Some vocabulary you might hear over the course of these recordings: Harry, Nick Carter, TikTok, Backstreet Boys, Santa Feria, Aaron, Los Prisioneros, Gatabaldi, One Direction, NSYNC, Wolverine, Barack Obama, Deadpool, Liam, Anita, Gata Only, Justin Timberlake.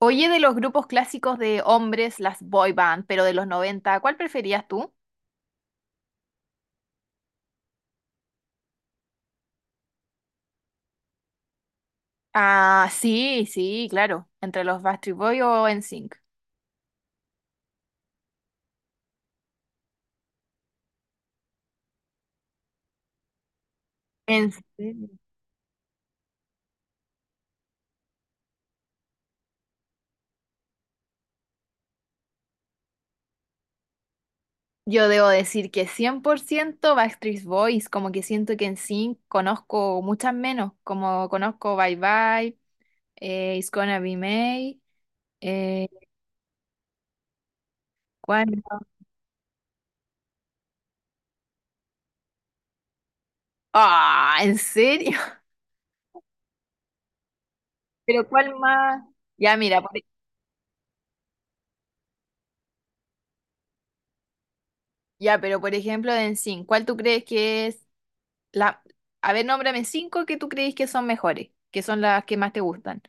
Oye, de los grupos clásicos de hombres, las boy band, pero de los noventa, ¿cuál preferías tú? Ah, sí, sí, claro. ¿Entre los Backstreet Boys o NSYNC? En serio. Yo debo decir que 100% Backstreet Boys, como que siento que en NSYNC conozco muchas menos, como conozco Bye Bye, It's Gonna Be May, eh, ¿cuál más? Ah, ¿en serio? ¿Pero cuál más? Ya, mira, ya, pero por ejemplo de NSYNC, ¿cuál tú crees que es la? A ver, nómbrame cinco que tú crees que son mejores, que son las que más te gustan.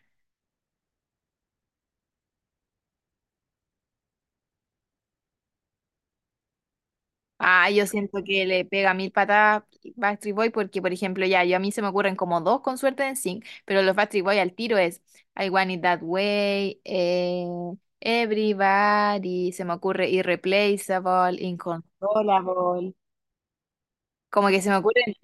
Ah, yo siento que le pega mil patadas Backstreet Boy porque, por ejemplo, ya, yo a mí se me ocurren como dos con suerte en sync, pero los Backstreet Boy al tiro es I Want It That Way, Everybody, se me ocurre Irreplaceable, Inconsolable. Como que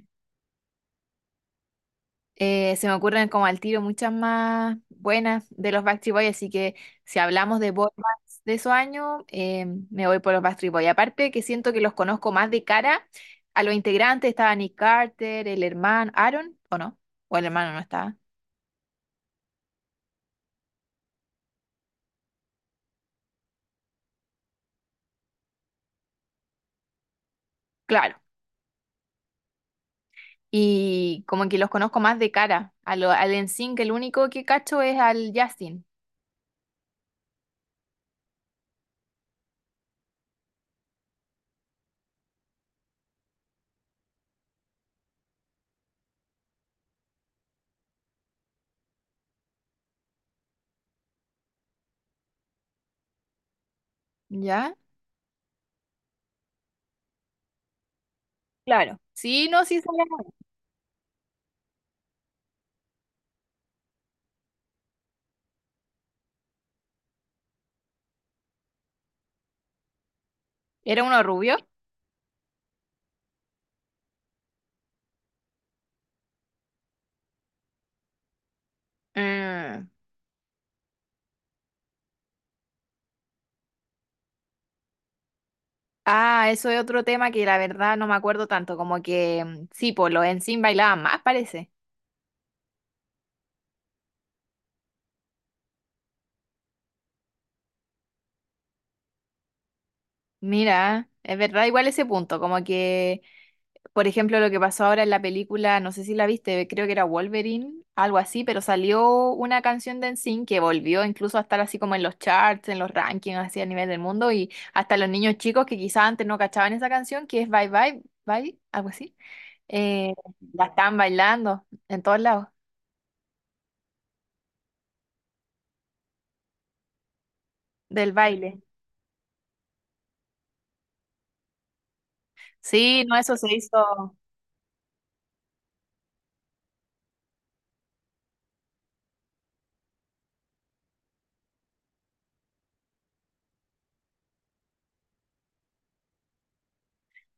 Se me ocurren como al tiro muchas más buenas de los Backstreet Boys, así que si hablamos de boy bands de esos años, me voy por los Backstreet Boys. Aparte que siento que los conozco más de cara a los integrantes, estaba Nick Carter, el hermano, Aaron, ¿o no? O el hermano no estaba. Claro. Y como que los conozco más de cara a lo, al NSYNC, el único que cacho es al Justin, ¿ya? Claro. Sí, no, sí, sabía. Era uno rubio. Mm. Ah, eso es otro tema que la verdad no me acuerdo tanto, como que sí, por los Ensign bailaban más, parece. Mira, es verdad, igual ese punto, como que, por ejemplo, lo que pasó ahora en la película, no sé si la viste, creo que era Wolverine, algo así, pero salió una canción de Ensign que volvió incluso a estar así como en los charts, en los rankings, así a nivel del mundo, y hasta los niños chicos que quizás antes no cachaban esa canción, que es Bye Bye, Bye, algo así, eh, la están bailando en todos lados del baile. Sí, no, eso se hizo,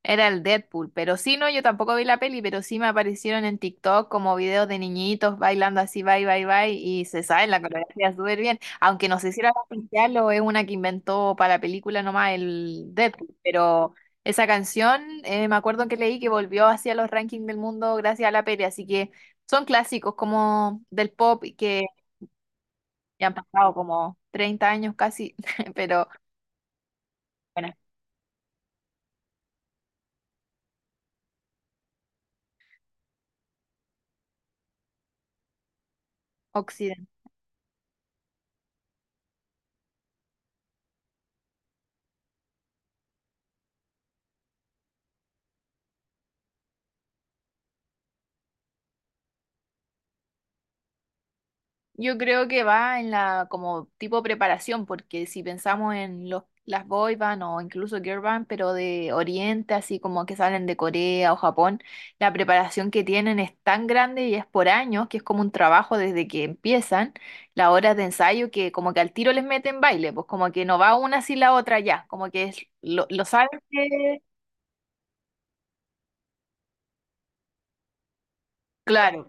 era el Deadpool, pero sí, no, yo tampoco vi la peli, pero sí me aparecieron en TikTok como videos de niñitos bailando así, bye, bye, bye, y se sabe la coreografía súper bien, aunque no sé si era oficial o es una que inventó para la película nomás el Deadpool, pero esa canción, me acuerdo que leí que volvió hacia los rankings del mundo gracias a la peli, así que son clásicos como del pop y que ya han pasado como 30 años casi, pero bueno, yo creo que va en la como tipo preparación, porque si pensamos en los, las boy band o incluso girl band, pero de Oriente, así como que salen de Corea o Japón, la preparación que tienen es tan grande y es por años, que es como un trabajo desde que empiezan las horas de ensayo, que como que al tiro les meten baile, pues como que no va una sin la otra ya, como que lo saben que... Claro,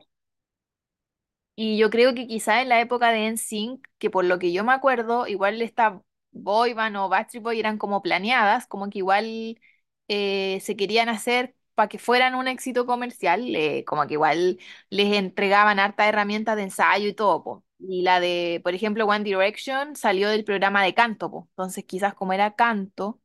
y yo creo que quizá en la época de NSYNC, que por lo que yo me acuerdo, igual esta boy band o Backstreet Boy eran como planeadas, como que igual se querían hacer para que fueran un éxito comercial, como que igual les entregaban harta herramientas de ensayo y todo, po. Y la de, por ejemplo, One Direction salió del programa de canto, po. Entonces quizás como era canto,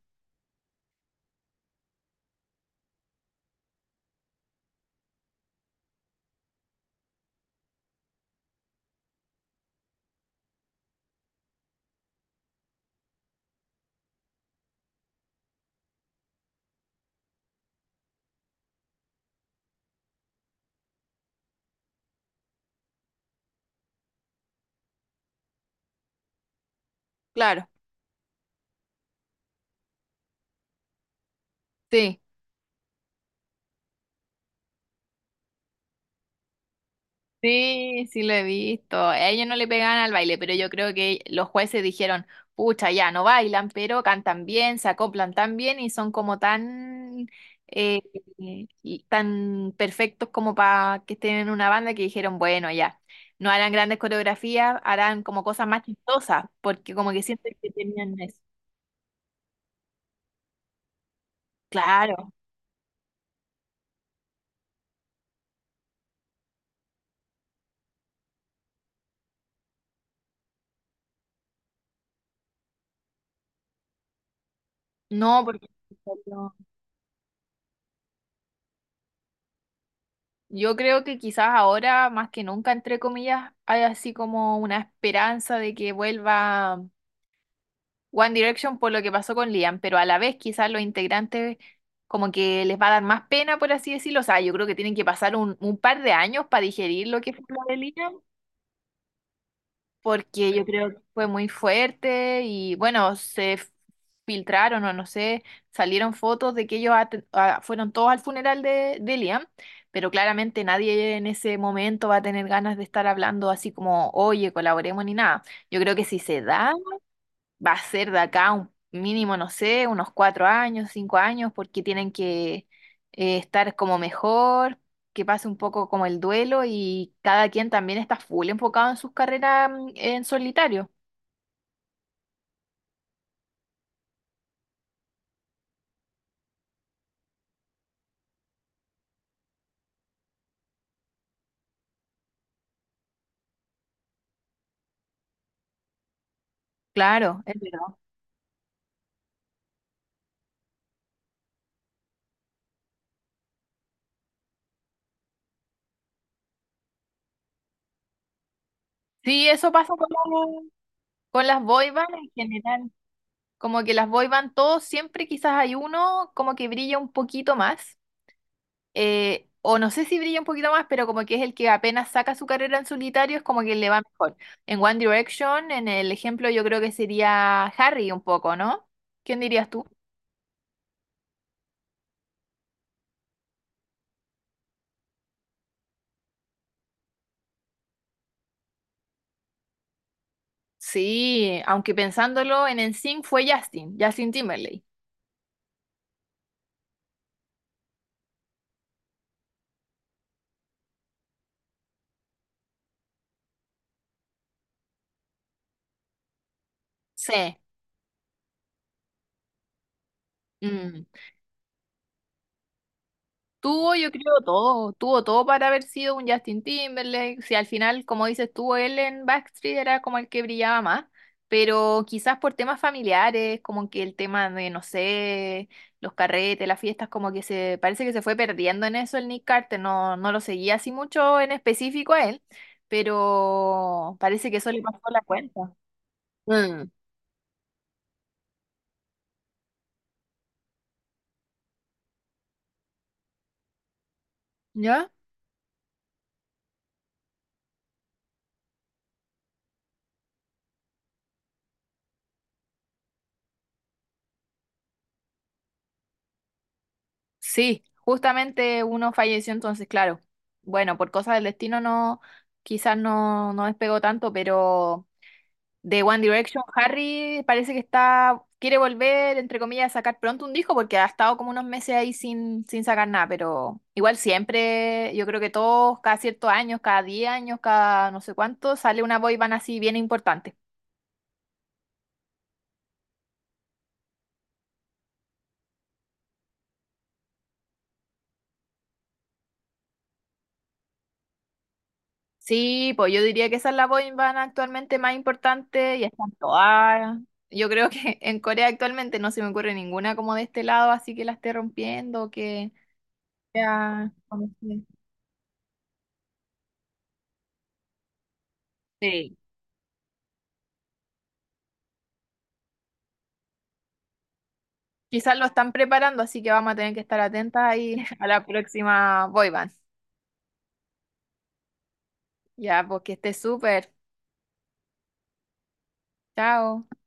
claro, sí. Sí, sí lo he visto. A ellos no le pegaban al baile, pero yo creo que los jueces dijeron, pucha, ya no bailan, pero cantan bien, se acoplan tan bien y son como tan, eh, y tan perfectos como para que estén en una banda, que dijeron, bueno, ya, no harán grandes coreografías, harán como cosas más chistosas, porque como que sienten que tenían eso. Claro, no, porque... Yo creo que quizás ahora, más que nunca, entre comillas, hay así como una esperanza de que vuelva One Direction por lo que pasó con Liam, pero a la vez quizás los integrantes como que les va a dar más pena, por así decirlo. O sea, yo creo que tienen que pasar un par de años para digerir lo que fue lo de Liam, porque yo creo que fue muy fuerte y bueno, filtraron o no sé, salieron fotos de que ellos fueron todos al funeral de Liam, pero claramente nadie en ese momento va a tener ganas de estar hablando así como, oye, colaboremos ni nada. Yo creo que si se da, va a ser de acá un mínimo, no sé, unos cuatro años, cinco años, porque tienen que estar como mejor, que pase un poco como el duelo, y cada quien también está full enfocado en sus carreras, en solitario. Claro, es verdad. Sí, eso pasa con, con las boy band en general. Como que las boy band, todos siempre quizás hay uno como que brilla un poquito más, o no sé si brilla un poquito más, pero como que es el que apenas saca su carrera en solitario, es como que le va mejor. En One Direction, en el ejemplo, yo creo que sería Harry un poco, ¿no? ¿Quién dirías tú? Sí, aunque pensándolo en NSYNC fue Justin, Justin Timberlake. Sí. Mm. Tuvo, yo creo, todo. Tuvo todo para haber sido un Justin Timberlake. Si al final, como dices tú, él en Backstreet era como el que brillaba más. Pero quizás por temas familiares, como que el tema de, no sé, los carretes, las fiestas, como que se parece que se fue perdiendo en eso el Nick Carter. No, no lo seguía así mucho en específico a él, pero parece que eso le pasó la cuenta. Mm. ¿Ya? Sí, justamente uno falleció, entonces claro. Bueno, por cosas del destino no, quizás no, no despegó tanto, pero de One Direction, Harry parece que está, quiere volver, entre comillas, a sacar pronto un disco porque ha estado como unos meses ahí sin, sin sacar nada, pero igual siempre, yo creo que todos, cada ciertos años, cada 10 años, cada no sé cuánto, sale una boy band así bien importante. Sí, pues yo diría que esa es la boy band actualmente más importante y están todas. Yo creo que en Corea actualmente no se me ocurre ninguna como de este lado, así que la esté rompiendo, que sea conocida. Sí. Quizás lo están preparando, así que vamos a tener que estar atentas ahí a la próxima boy band. Ya, pues que esté súper. Chao.